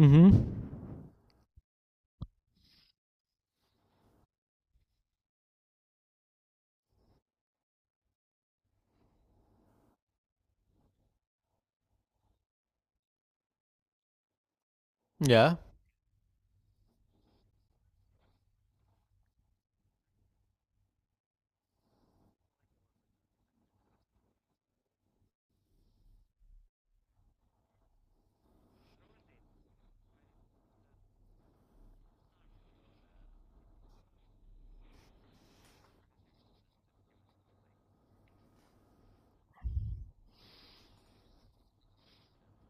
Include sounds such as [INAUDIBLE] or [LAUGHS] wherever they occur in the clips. Mm-hmm. Yeah.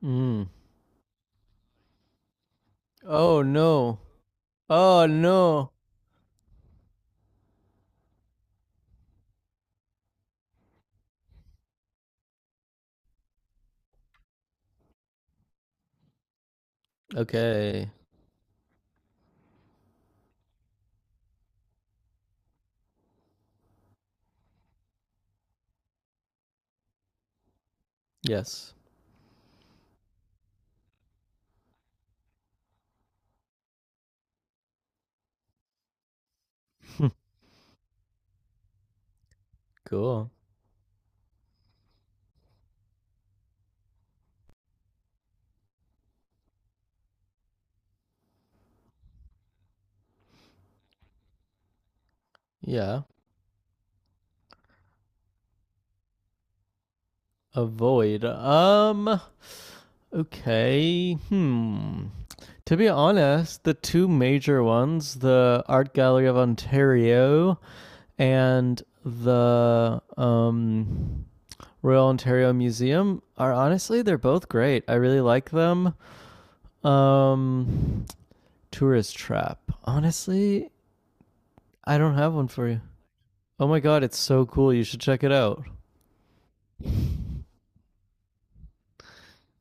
Mm. Oh no. Oh no. Okay. Yes. [LAUGHS] Cool. Yeah. Avoid. Okay. Hmm. To be honest, the two major ones, the Art Gallery of Ontario and the Royal Ontario Museum, are honestly they're both great. I really like them. Um, tourist trap. Honestly, I don't have one for you. Oh my god, it's so cool. You should check it out.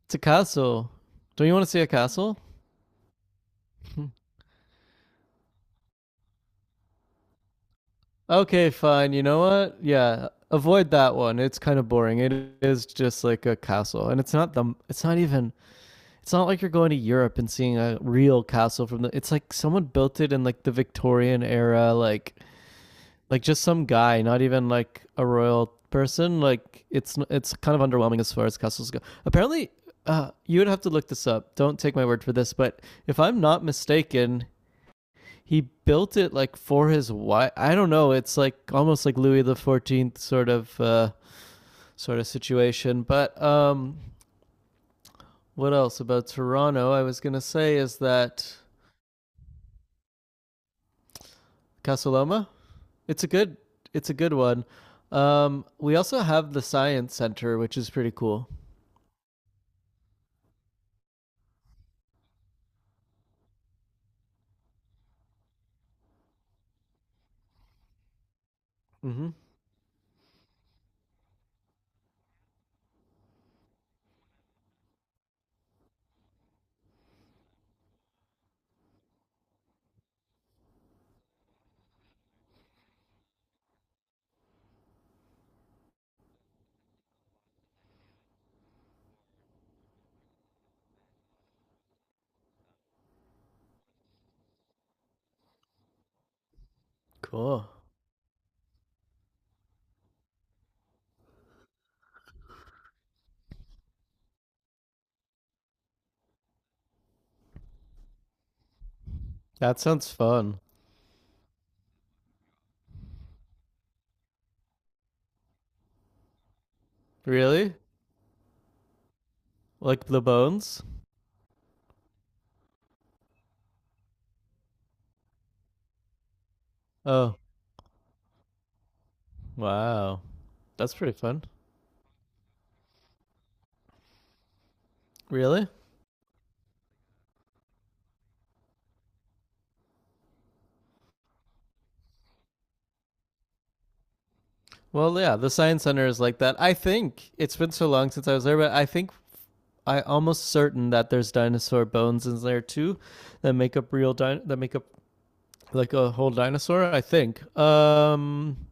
It's a castle. Don't you want to see a castle? [LAUGHS] Okay, fine. You know what? Yeah, avoid that one. It's kind of boring. It is just like a castle, and it's not the. It's not even. It's not like you're going to Europe and seeing a real castle from the. It's like someone built it in like the Victorian era, like just some guy, not even like a royal person. Like it's kind of underwhelming as far as castles go. Apparently, you would have to look this up. Don't take my word for this, but if I'm not mistaken, he built it like for his wife. I don't know. It's like almost like Louis the XIV sort of situation. But what else about Toronto? I was gonna say is that Casaloma. It's a good. It's a good one. We also have the Science Center, which is pretty cool. Mm-hmm. Cool. That sounds fun. Really? Like the bones? Oh, wow. That's pretty fun. Really? Well, yeah, the Science Center is like that. I think it's been so long since I was there, but I think I almost certain that there's dinosaur bones in there too that make up like a whole dinosaur, I think.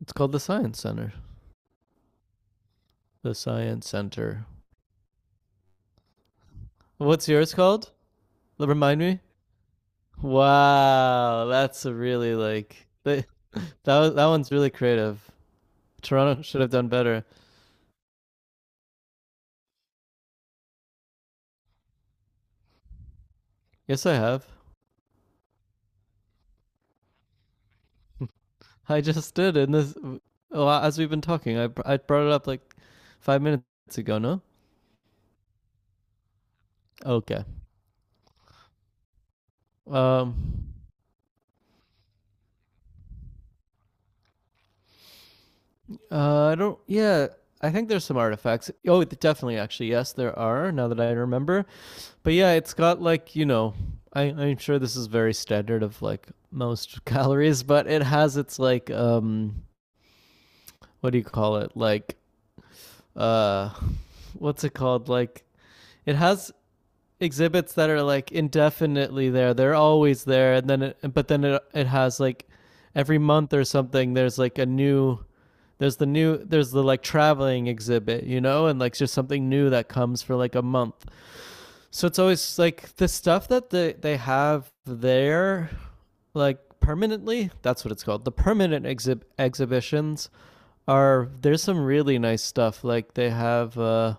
It's called the Science Center. The Science Center. What's yours called? Remind me? Wow, that's a really like they That that one's really creative. Toronto [LAUGHS] should have done better. Yes, I have. I just did in this. Well, as we've been talking, I brought it up like 5 minutes ago. No. Okay. Um. I don't. Yeah. I think there's some artifacts. Oh, definitely. Actually, yes, there are. Now that I remember. But yeah, it's got like you know. I'm sure this is very standard of like most [LAUGHS] galleries, but it has its like. What do you call it? Like uh. [LAUGHS] What's it called? Like it has exhibits that are like indefinitely there. They're always there, and then it, but then it has like every month or something. There's the like traveling exhibit, you know, and like just something new that comes for like a month. So it's always like the stuff that they have there, like permanently, that's what it's called, the exhibitions are, there's some really nice stuff, like they have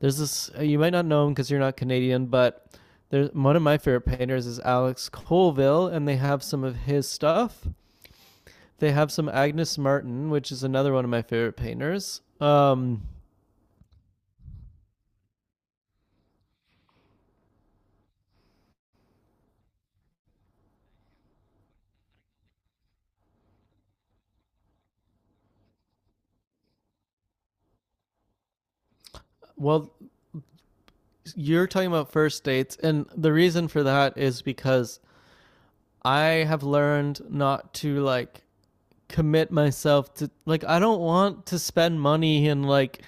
there's this. You might not know him because you're not Canadian, but there's one of my favorite painters is Alex Colville, and they have some of his stuff. They have some Agnes Martin, which is another one of my favorite painters. Well, you're talking about first dates, and the reason for that is because I have learned not to like commit myself to like I don't want to spend money and like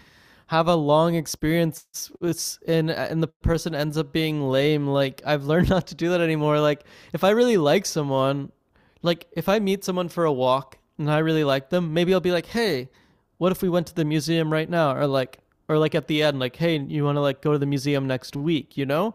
have a long experience with and the person ends up being lame like I've learned [LAUGHS] not to do that anymore like if I really like someone like if I meet someone for a walk and I really like them, maybe I'll be like hey, what if we went to the museum right now, or like at the end like hey, you want to like go to the museum next week, you know,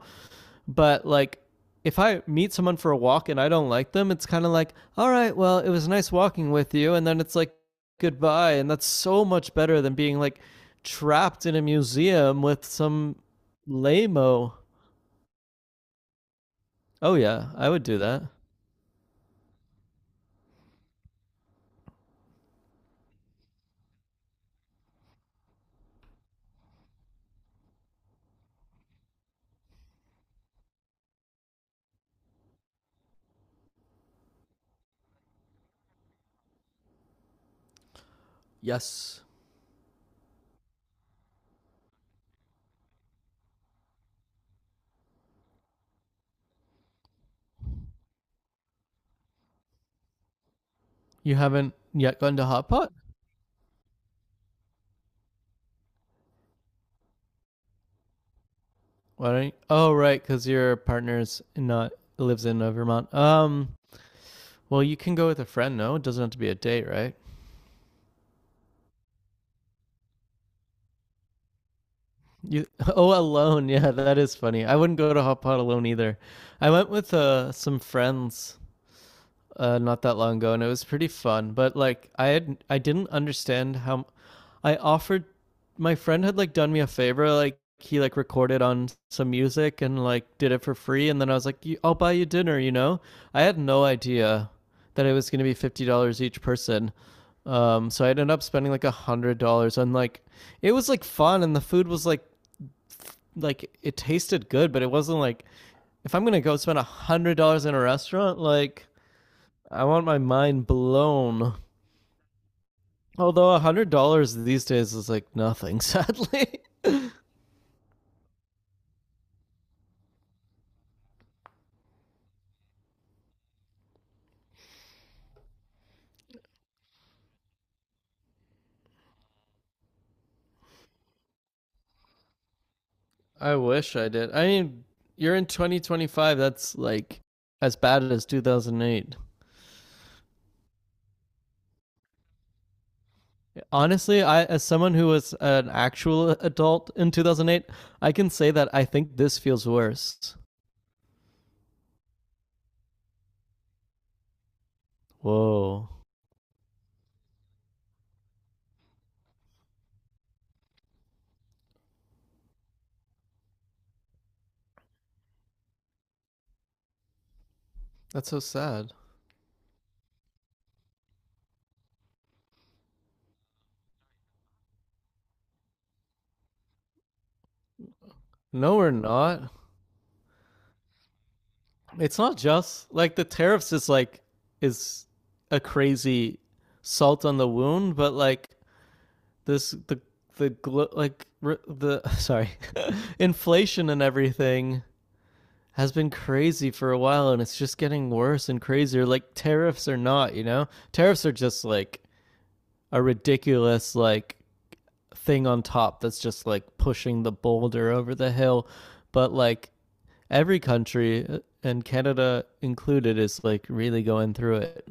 but like if I meet someone for a walk and I don't like them, it's kind of like, all right, well, it was nice walking with you. And then it's like, goodbye. And that's so much better than being like trapped in a museum with some lameo. Oh, yeah, I would do that. Yes. You haven't yet gone to hot pot? Why don't you? Oh, right, because your partner's not lives in Vermont. Well, you can go with a friend, no? It doesn't have to be a date, right? You, [LAUGHS] oh, alone. Yeah, that is funny. I wouldn't go to hot pot alone either. I went with some friends not that long ago, and it was pretty fun. But like, I didn't understand how I offered. My friend had like done me a favor, like he like recorded on some music and like did it for free, and then I was like, "I'll buy you dinner," you know. I had no idea that it was gonna be $50 each person. So I ended up spending like $100 on like it was like fun and the food was like it tasted good, but it wasn't like if I'm gonna go spend $100 in a restaurant, like I want my mind blown. Although $100 these days is like nothing, sadly. [LAUGHS] I wish I did. I mean, you're in 2025. That's like as bad as 2008. Honestly, I as someone who was an actual adult in 2008, I can say that I think this feels worse. Whoa, that's so sad. No, we're not. It's not just like the tariffs is like is a crazy salt on the wound, but like this the the like the sorry [LAUGHS] inflation and everything has been crazy for a while and it's just getting worse and crazier like tariffs are not you know tariffs are just like a ridiculous like thing on top that's just like pushing the boulder over the hill but like every country and Canada included is like really going through it.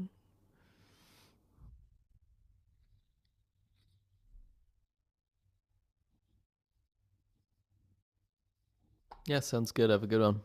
Yeah, sounds good. Have a good one.